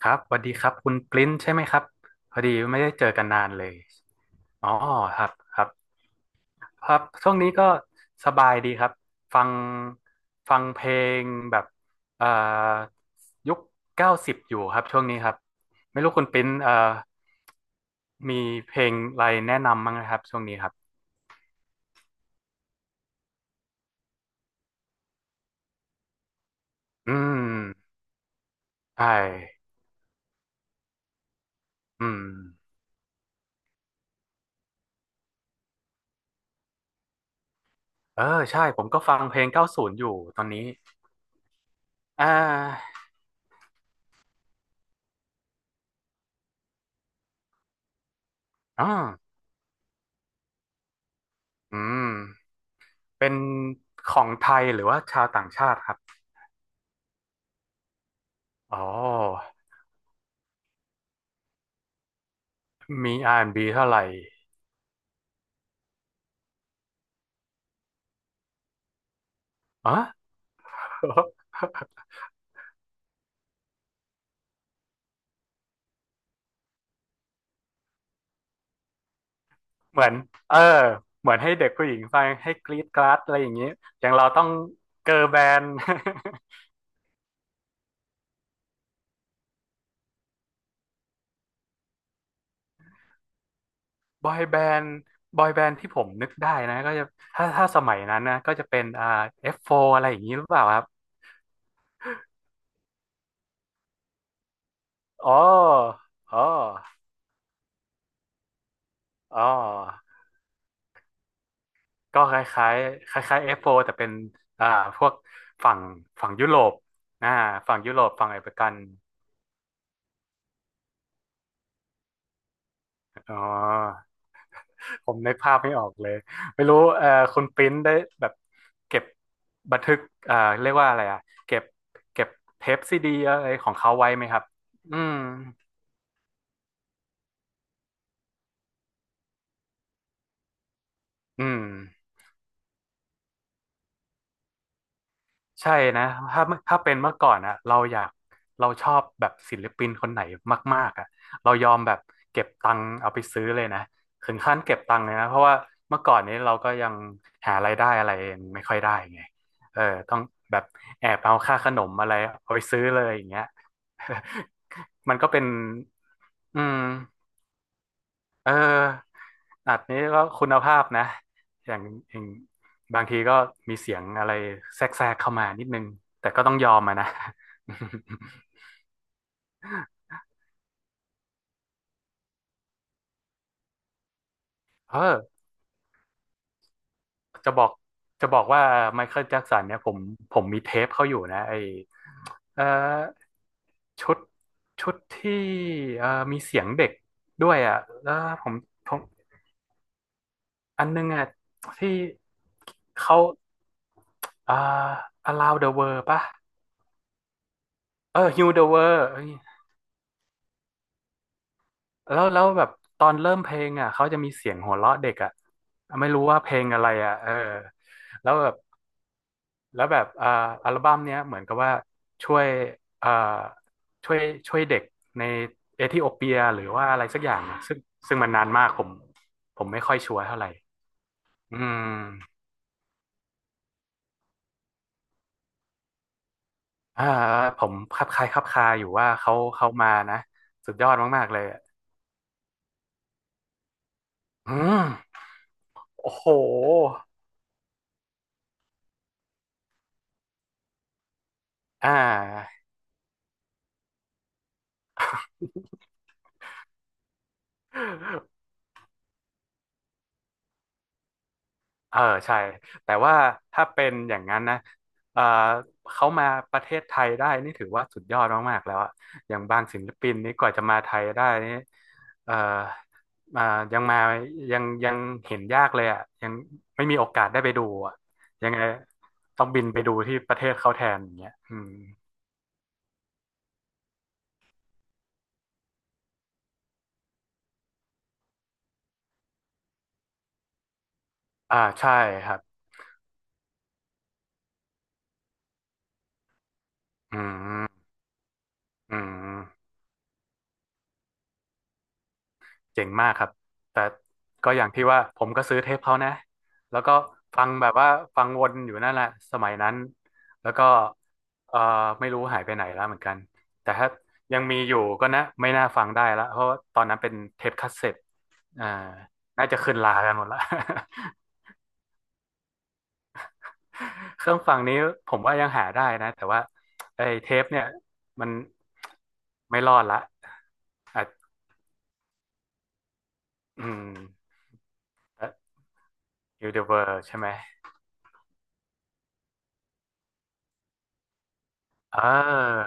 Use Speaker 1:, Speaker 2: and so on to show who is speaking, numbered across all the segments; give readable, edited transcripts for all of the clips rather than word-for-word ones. Speaker 1: ครับสวัสดีครับคุณปริ้นใช่ไหมครับพอดีไม่ได้เจอกันนานเลยอ๋อครับครับครับช่วงนี้ก็สบายดีครับฟังฟังเพลงแบบเอ่อยุค90อยู่ครับช่วงนี้ครับไม่รู้คุณปริ้นมีเพลงอะไรแนะนำมั้างนะครับช่วงนี้ครับอืมใช่อืมเออใช่ผมก็ฟังเพลง90อยู่ตอนนี้อ่าอ๋ออืมเป็นของไทยหรือว่าชาวต่างชาติครับ อ๋อ มี R&B เท่าไหร่อ๋อ เหมือนเออเหมือนให้เด็กผู้หญิงฟังให้กรี๊ดกราดอะไรอย่างเงี้ยอย่างเราต้องเกิร์ลแบนด์ บอยแบนด์บอยแบนด์ที่ผมนึกได้นะก็จะถ้าสมัยนั้นนะก็จะเป็นF4 อฟโฟร์อะไรอย่างงี้หรือเปล่าครับ อ๋อ อ๋อ อ๋อ ก็คล้ายๆคล้ายๆ F4 แต่เป็นอ่าพวกฝั่งฝั่งยุโรปอ่าฝั่งยุโรปฝั่งอเมริกันอ๋อ ผมนึกภาพไม่ออกเลยไม่รู้คุณปริ้นได้แบบเก็บบันทึกเอ่อเรียกว่าอะไรอ่ะเก็บเก็บเทปซีดีอะไรของเขาไว้ไหมครับอืมอืม ใช่นะถ้าถ้าเป็นเมื่อก่อนอะเราอยากเราชอบแบบศิลปินคนไหนมากๆอะเรายอมแบบเก็บตังค์เอาไปซื้อเลยนะถึงขั้นเก็บตังค์เลยนะเพราะว่าเมื่อก่อนนี้เราก็ยังหารายได้อะไรเองไม่ค่อยได้ไงเออต้องแบบแอบเอาค่าขนมอะไรเอาไปซื้อเลยอย่างเงี้ย มันก็เป็นอืม เอออัดนี้ก็คุณภาพนะอย่างอย่างบางทีก็มีเสียงอะไรแทรกแทรกเข้ามานิดนึงแต่ก็ต้องยอมอะนะ เออจะบอกจะบอกว่าไมเคิลแจ็คสันเนี่ยผมมีเทปเขาอยู่นะไอเออชุดชุดที่เออมีเสียงเด็กด้วยอ่ะแล้วผมผมอันนึงอ่ะที่เขาเอ่อ Allow the World ป่ะเออ Heal the World แล้วแบบตอนเริ่มเพลงอ่ะเขาจะมีเสียงหัวเราะเด็กอ่ะไม่รู้ว่าเพลงอะไรอ่ะเออแล้วแบบแล้วแบบอัลบั้มเนี้ยเหมือนกับว่าช่วยอ่าช่วยช่วยเด็กในเอธิโอเปียหรือว่าอะไรสักอย่างอะซึ่งมันนานมากผมไม่ค่อยชัวร์เท่าไหร่อืมอ่าผมคลับคล้ายคลับคาอยู่ว่าเขามานะสุดยอดมากๆเลยอะอืมโอ้โหอ่า เออใช่แต่ว่าถ้าเป็นอย่างนั้นนะเออเขามาประเทศไทยได้นี่ถือว่าสุดยอดมากๆแล้วอะอย่างบางศิลปินนี่กว่าจะมาไทยได้นี่เออมายังมายังเห็นยากเลยอะยังไม่มีโอกาสได้ไปดูอะยังไงต้องบินไปดูที่ประเทศเขาแทนอย่างเงี้ยอืมอ่าใช่ครับอืมอืม เจ๋งมากครับแต่ก็อย่างที่ว่าผมก็ซื้อเทปเขานะแล้วก็ฟังแบบว่าฟังวนอยู่นั่นแหละสมัยนั้นแล้วก็เอ่อไม่รู้หายไปไหนแล้วเหมือนกันแต่ถ้ายังมีอยู่ก็นะไม่น่าฟังได้ละเพราะว่าตอนนั้นเป็นเทปคัสเซ็ตอ่าน่าจะขึ้นลากันหมดละ เครื่องฟังนี้ผมว่ายังหาได้นะแต่ว่าไอ้เทปเนี่ยมันไม่รอดละอ่ะอืมยูนิเวอร์ใช่ไหมเออ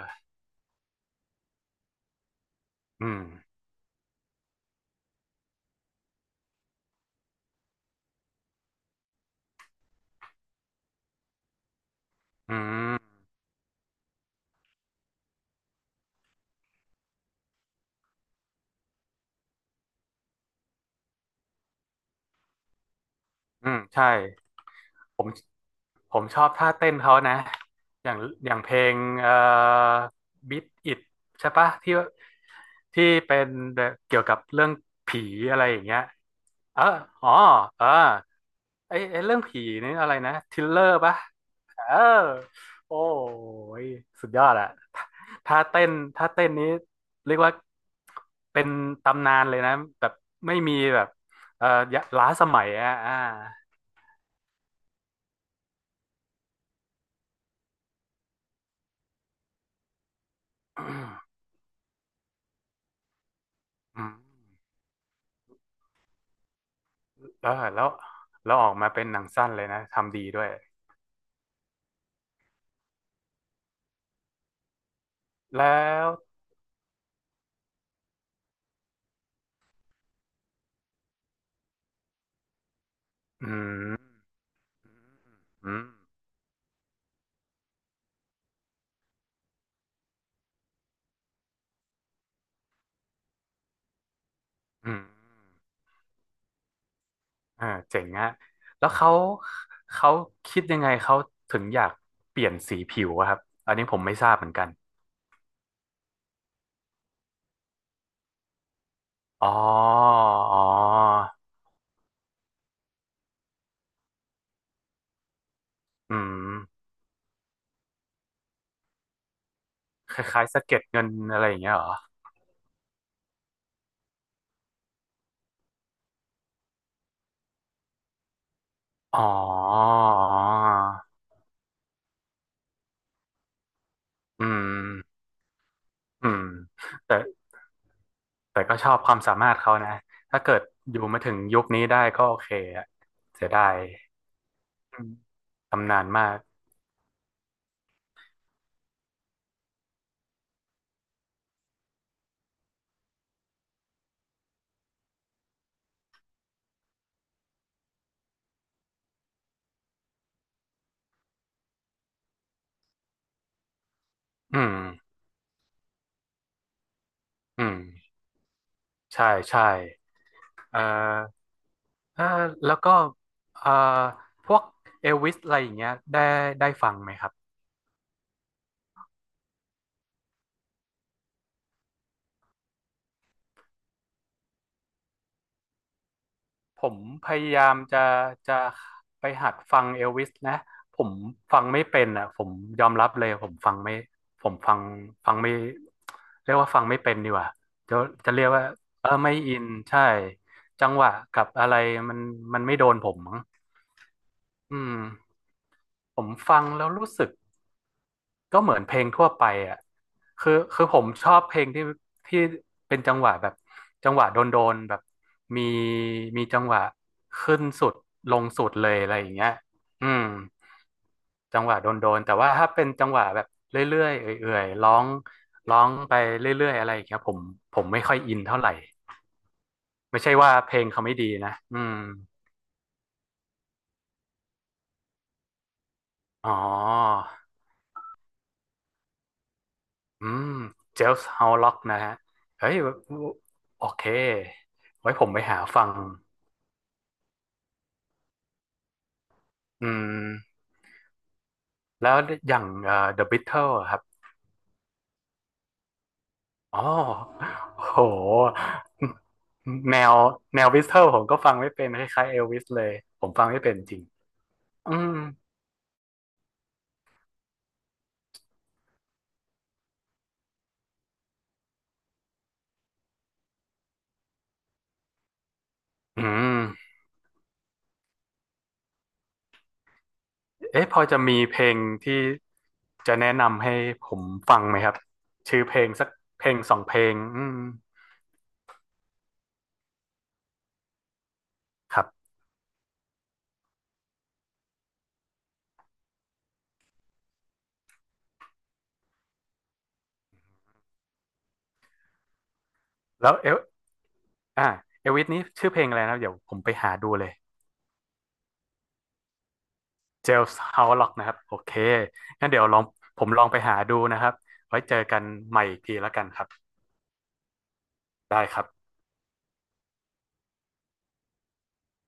Speaker 1: อืมอืมอืมใช่ผมผมชอบท่าเต้นเขานะอย่างอย่างเพลงBeat It ใช่ปะที่เป็นเกี่ยวกับเรื่องผีอะไรอย่างเงี้ยเอออ๋อเออไอเรื่องผีนี่อะไรนะทริลเลอร์ปะเออโอ้ยสุดยอดอะท่าเต้นท่าเต้นนี้เรียกว่าเป็นตำนานเลยนะแบบไม่มีแบบเอ่อล้าสมัยอะอ่า อืมแล้วแล้วแล้วออกมาเป็นหนังสั้นเลยนะทำดีด้วยแล้วอืมอืมอืมเเจ๋งอะแล้วเขาคิดยังไงเขาถึงอยากเปลี่ยนสีผิวอะครับอันนี้ผมไม่ทราบเหมือนกันอ๋ออ๋ออืมคล้ายๆสะเก็ดเงินอะไรอย่างเงี้ยเหรออ๋ออ๋ออืมอืมแต่ แต่ก็ชอบความสามารถเขานะ ถ้าเกิดอยู่มาถึงยุคนี้ได้ก็โอเคอะเสียดายอืมตำนานมาก อืมอืมใช่ใช่เอ่อเอ่อแล้วก็เอ่อพวกเอลวิสอะไรอย่างเงี้ยได้ฟังไหมครับ ผมพยายามจะไปหัดฟังเอลวิสนะผมฟังไม่เป็นอ่ะผมยอมรับเลยผมฟังไม่ผมฟังไม่เรียกว่าฟังไม่เป็นดีกว่าจะจะเรียกว่าเออไม่อินใช่จังหวะกับอะไรมันมันไม่โดนผมมั้งอืมผมฟังแล้วรู้สึก ก็เหมือนเพลงทั่วไปอ่ะคือผมชอบเพลงที่เป็นจังหวะแบบจังหวะโดนๆแบบมีมีจังหวะขึ้นสุดลงสุดเลยอะไรอย่างเงี้ยอืมจังหวะโดนๆแต่ว่าถ้าเป็นจังหวะแบบเรื่อยๆเอื่อยๆร้องไปเรื่อยๆอะไรอย่างเงี้ยผมไม่ค่อยอินเท่าไหร่ไม่ใช่ว่าเพลงเขาไม่ดีนะอืมอ๋ออืมเจลส์ฮาวล็อกนะฮะเฮ้ยโอเคไว้ผมไปหาฟัง อืมแล้วอย่างThe Beatles อะครับอ๋อโอ้โหแนวแนว Beatles ผมก็ฟังไม่เป็นคล้ายๆเอลวิสเลยผมฟังไม่เป็นจริงอืมอืมเอ๊ะพอจะมีเพลงที่จะแนะนำให้ผมฟังไหมครับชื่อเพลงสักเพลงสองเพลงอืมครับแล้วอ่าเอลวิสนี้ชื่อเพลงอะไรนะครับเดี๋ยวผมไปหาดูเลย เจลส์เฮาล็อกนะครับโอเคงั้นเดี๋ยวลองผมลองไปหาดูนะครับไว้เจอกันใหม่อีกทีแล้วกันครับได้ครับ